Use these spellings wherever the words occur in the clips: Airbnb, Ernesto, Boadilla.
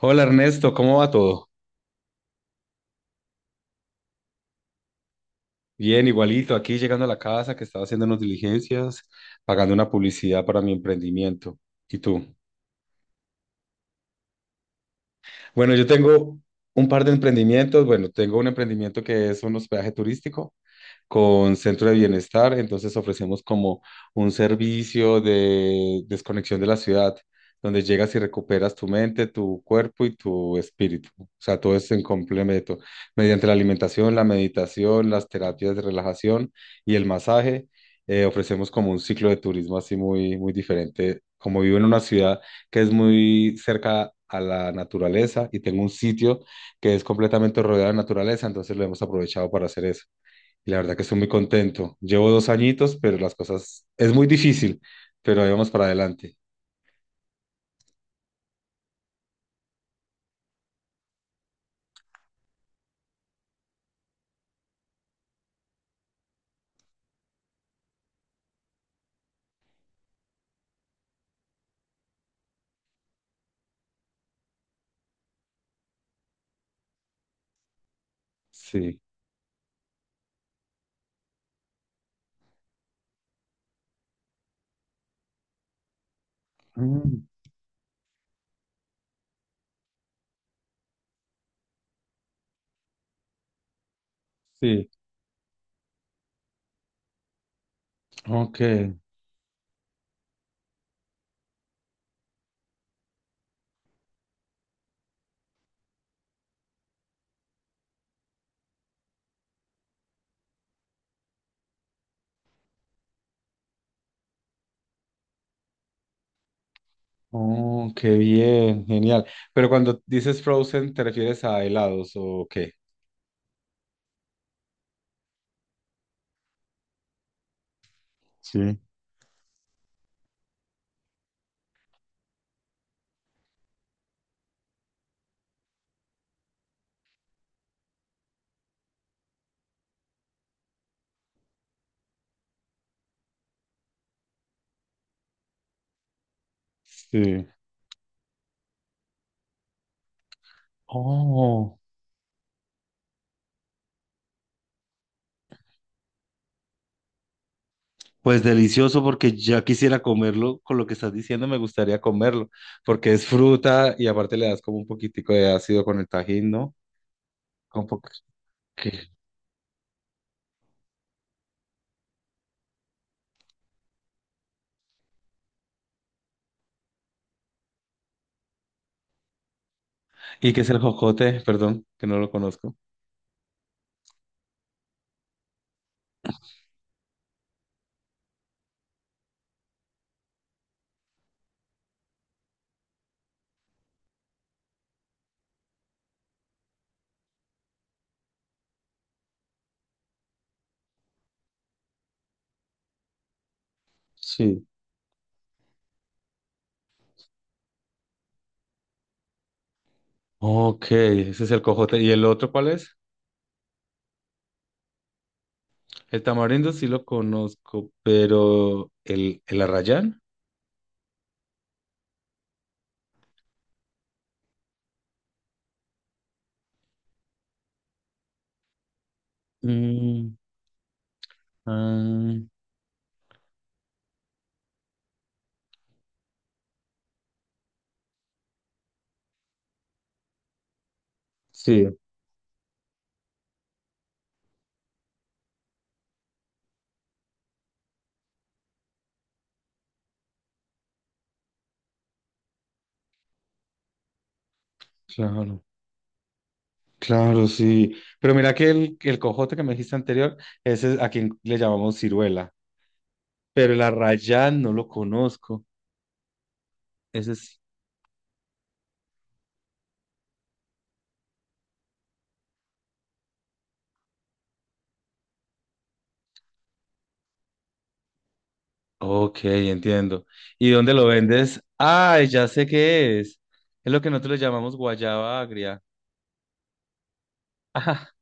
Hola Ernesto, ¿cómo va todo? Bien, igualito, aquí llegando a la casa que estaba haciendo unas diligencias, pagando una publicidad para mi emprendimiento. ¿Y tú? Bueno, yo tengo un par de emprendimientos. Bueno, tengo un emprendimiento que es un hospedaje turístico con Centro de Bienestar, entonces ofrecemos como un servicio de desconexión de la ciudad, donde llegas y recuperas tu mente, tu cuerpo y tu espíritu. O sea, todo es en complemento, mediante la alimentación, la meditación, las terapias de relajación y el masaje. Ofrecemos como un ciclo de turismo así muy diferente. Como vivo en una ciudad que es muy cerca a la naturaleza y tengo un sitio que es completamente rodeado de naturaleza, entonces lo hemos aprovechado para hacer eso. Y la verdad que estoy muy contento. Llevo dos añitos, pero las cosas es muy difícil, pero ahí vamos para adelante. Sí. Mm, sí. Ok. Oh, qué bien, genial. Pero cuando dices frozen, ¿te refieres a helados o qué? Sí. Sí. Oh, pues delicioso porque ya quisiera comerlo. Con lo que estás diciendo, me gustaría comerlo porque es fruta y aparte le das como un poquitico de ácido con el tajín, ¿no? Con po- ¿Qué? ¿Y qué es el jocote? Perdón, que no lo conozco. Sí. Ok, ese es el cojote. ¿Y el otro cuál es? El tamarindo sí lo conozco, pero el arrayán. Mm, ah, sí, claro. Claro, sí. Pero mira que el cojote que me dijiste anterior, ese es a quien le llamamos ciruela. Pero el arrayán no lo conozco. Ese es. Ok, entiendo. ¿Y dónde lo vendes? Ay, ya sé qué es. Es lo que nosotros le llamamos guayaba agria.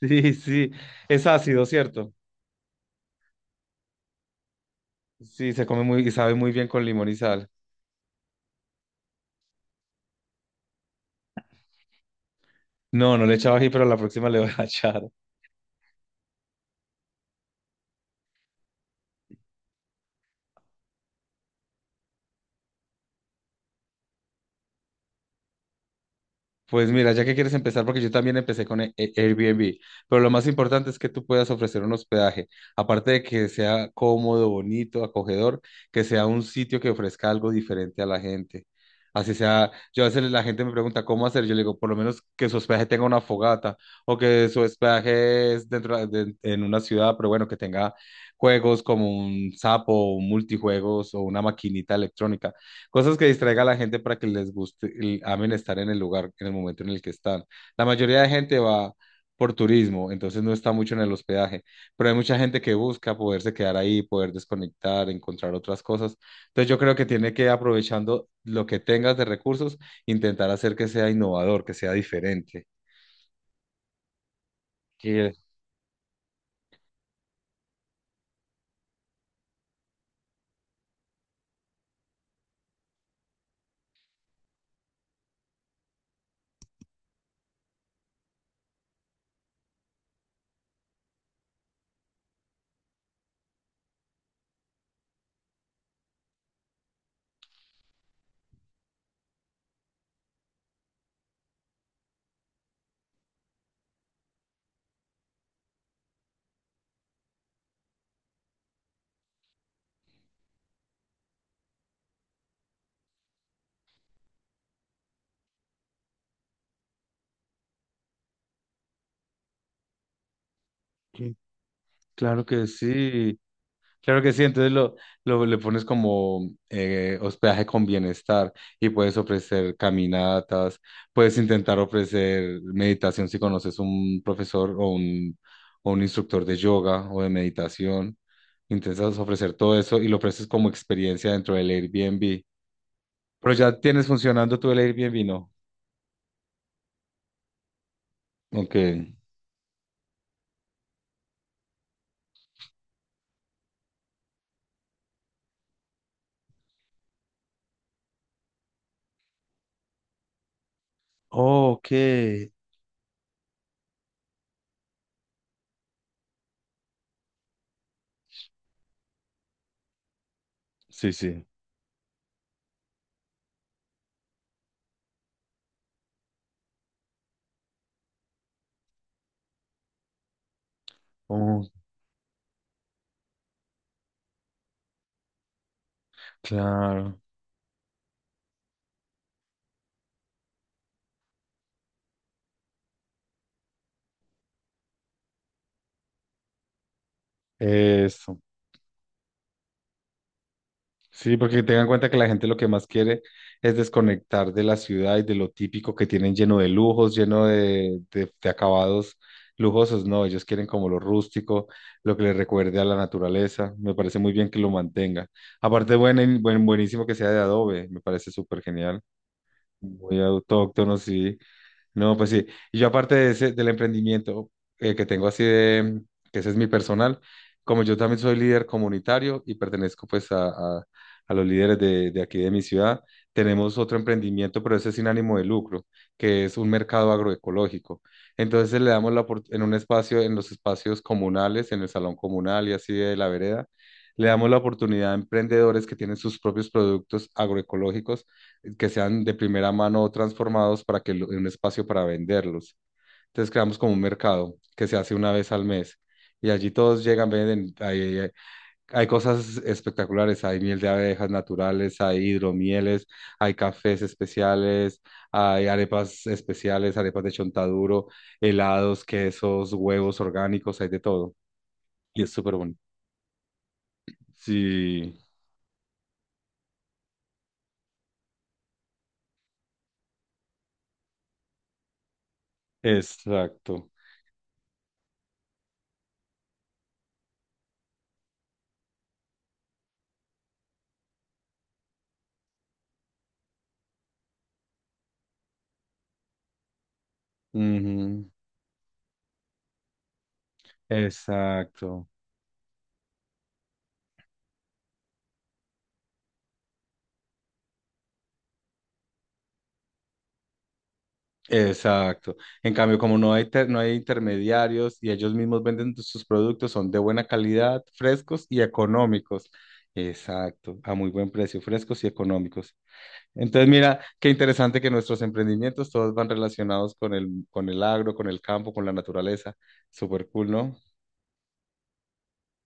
Sí, sí, es ácido, ¿cierto? Sí, se come muy y sabe muy bien con limón y sal. No, no le echaba ají, pero la próxima le voy a echar. Pues mira, ya que quieres empezar, porque yo también empecé con Airbnb, pero lo más importante es que tú puedas ofrecer un hospedaje, aparte de que sea cómodo, bonito, acogedor, que sea un sitio que ofrezca algo diferente a la gente. Así sea, yo a veces la gente me pregunta cómo hacer, yo le digo, por lo menos que su hospedaje tenga una fogata o que su hospedaje es dentro en una ciudad, pero bueno, que tenga juegos como un sapo, un multijuegos o una maquinita electrónica. Cosas que distraiga a la gente para que les guste y amen estar en el lugar, en el momento en el que están. La mayoría de gente va por turismo, entonces no está mucho en el hospedaje, pero hay mucha gente que busca poderse quedar ahí, poder desconectar, encontrar otras cosas. Entonces yo creo que tiene que, aprovechando lo que tengas de recursos, intentar hacer que sea innovador, que sea diferente. Que- que- claro que sí. Claro que sí, entonces le pones como hospedaje con bienestar y puedes ofrecer caminatas, puedes intentar ofrecer meditación si conoces un profesor o un instructor de yoga o de meditación. Intentas ofrecer todo eso y lo ofreces como experiencia dentro del Airbnb. Pero ya tienes funcionando tú el Airbnb, ¿no? Ok. Oh, ok. Sí, sí. Oh, claro. Eso. Sí, porque tengan en cuenta que la gente lo que más quiere es desconectar de la ciudad y de lo típico que tienen lleno de lujos, lleno de, de acabados lujosos. No, ellos quieren como lo rústico, lo que les recuerde a la naturaleza. Me parece muy bien que lo mantenga. Aparte, buenísimo que sea de adobe, me parece súper genial. Muy autóctono, sí. No, pues sí. Y yo aparte de ese, del emprendimiento que tengo así de, que ese es mi personal, como yo también soy líder comunitario y pertenezco pues a los líderes de aquí de mi ciudad, tenemos otro emprendimiento, pero ese es sin ánimo de lucro, que es un mercado agroecológico. Entonces le damos la opor- en un espacio, en los espacios comunales, en el salón comunal y así de la vereda, le damos la oportunidad a emprendedores que tienen sus propios productos agroecológicos que sean de primera mano transformados en un espacio para venderlos. Entonces creamos como un mercado que se hace una vez al mes. Y allí todos llegan, venden, hay cosas espectaculares, hay miel de abejas naturales, hay hidromieles, hay cafés especiales, hay arepas especiales, arepas de chontaduro, helados, quesos, huevos orgánicos, hay de todo. Y es súper bonito. Sí, exacto. Ujú, exacto. Exacto. En cambio, como no hay intermediarios y ellos mismos venden sus productos, son de buena calidad, frescos y económicos. Exacto, a muy buen precio, frescos y económicos. Entonces, mira, qué interesante que nuestros emprendimientos todos van relacionados con con el agro, con el campo, con la naturaleza. Súper cool, ¿no?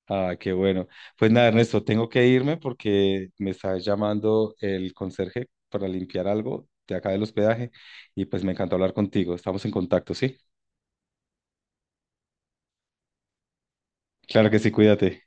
Ah, qué bueno. Pues nada, Ernesto, tengo que irme porque me está llamando el conserje para limpiar algo de acá del hospedaje y pues me encantó hablar contigo. Estamos en contacto, ¿sí? Claro que sí, cuídate.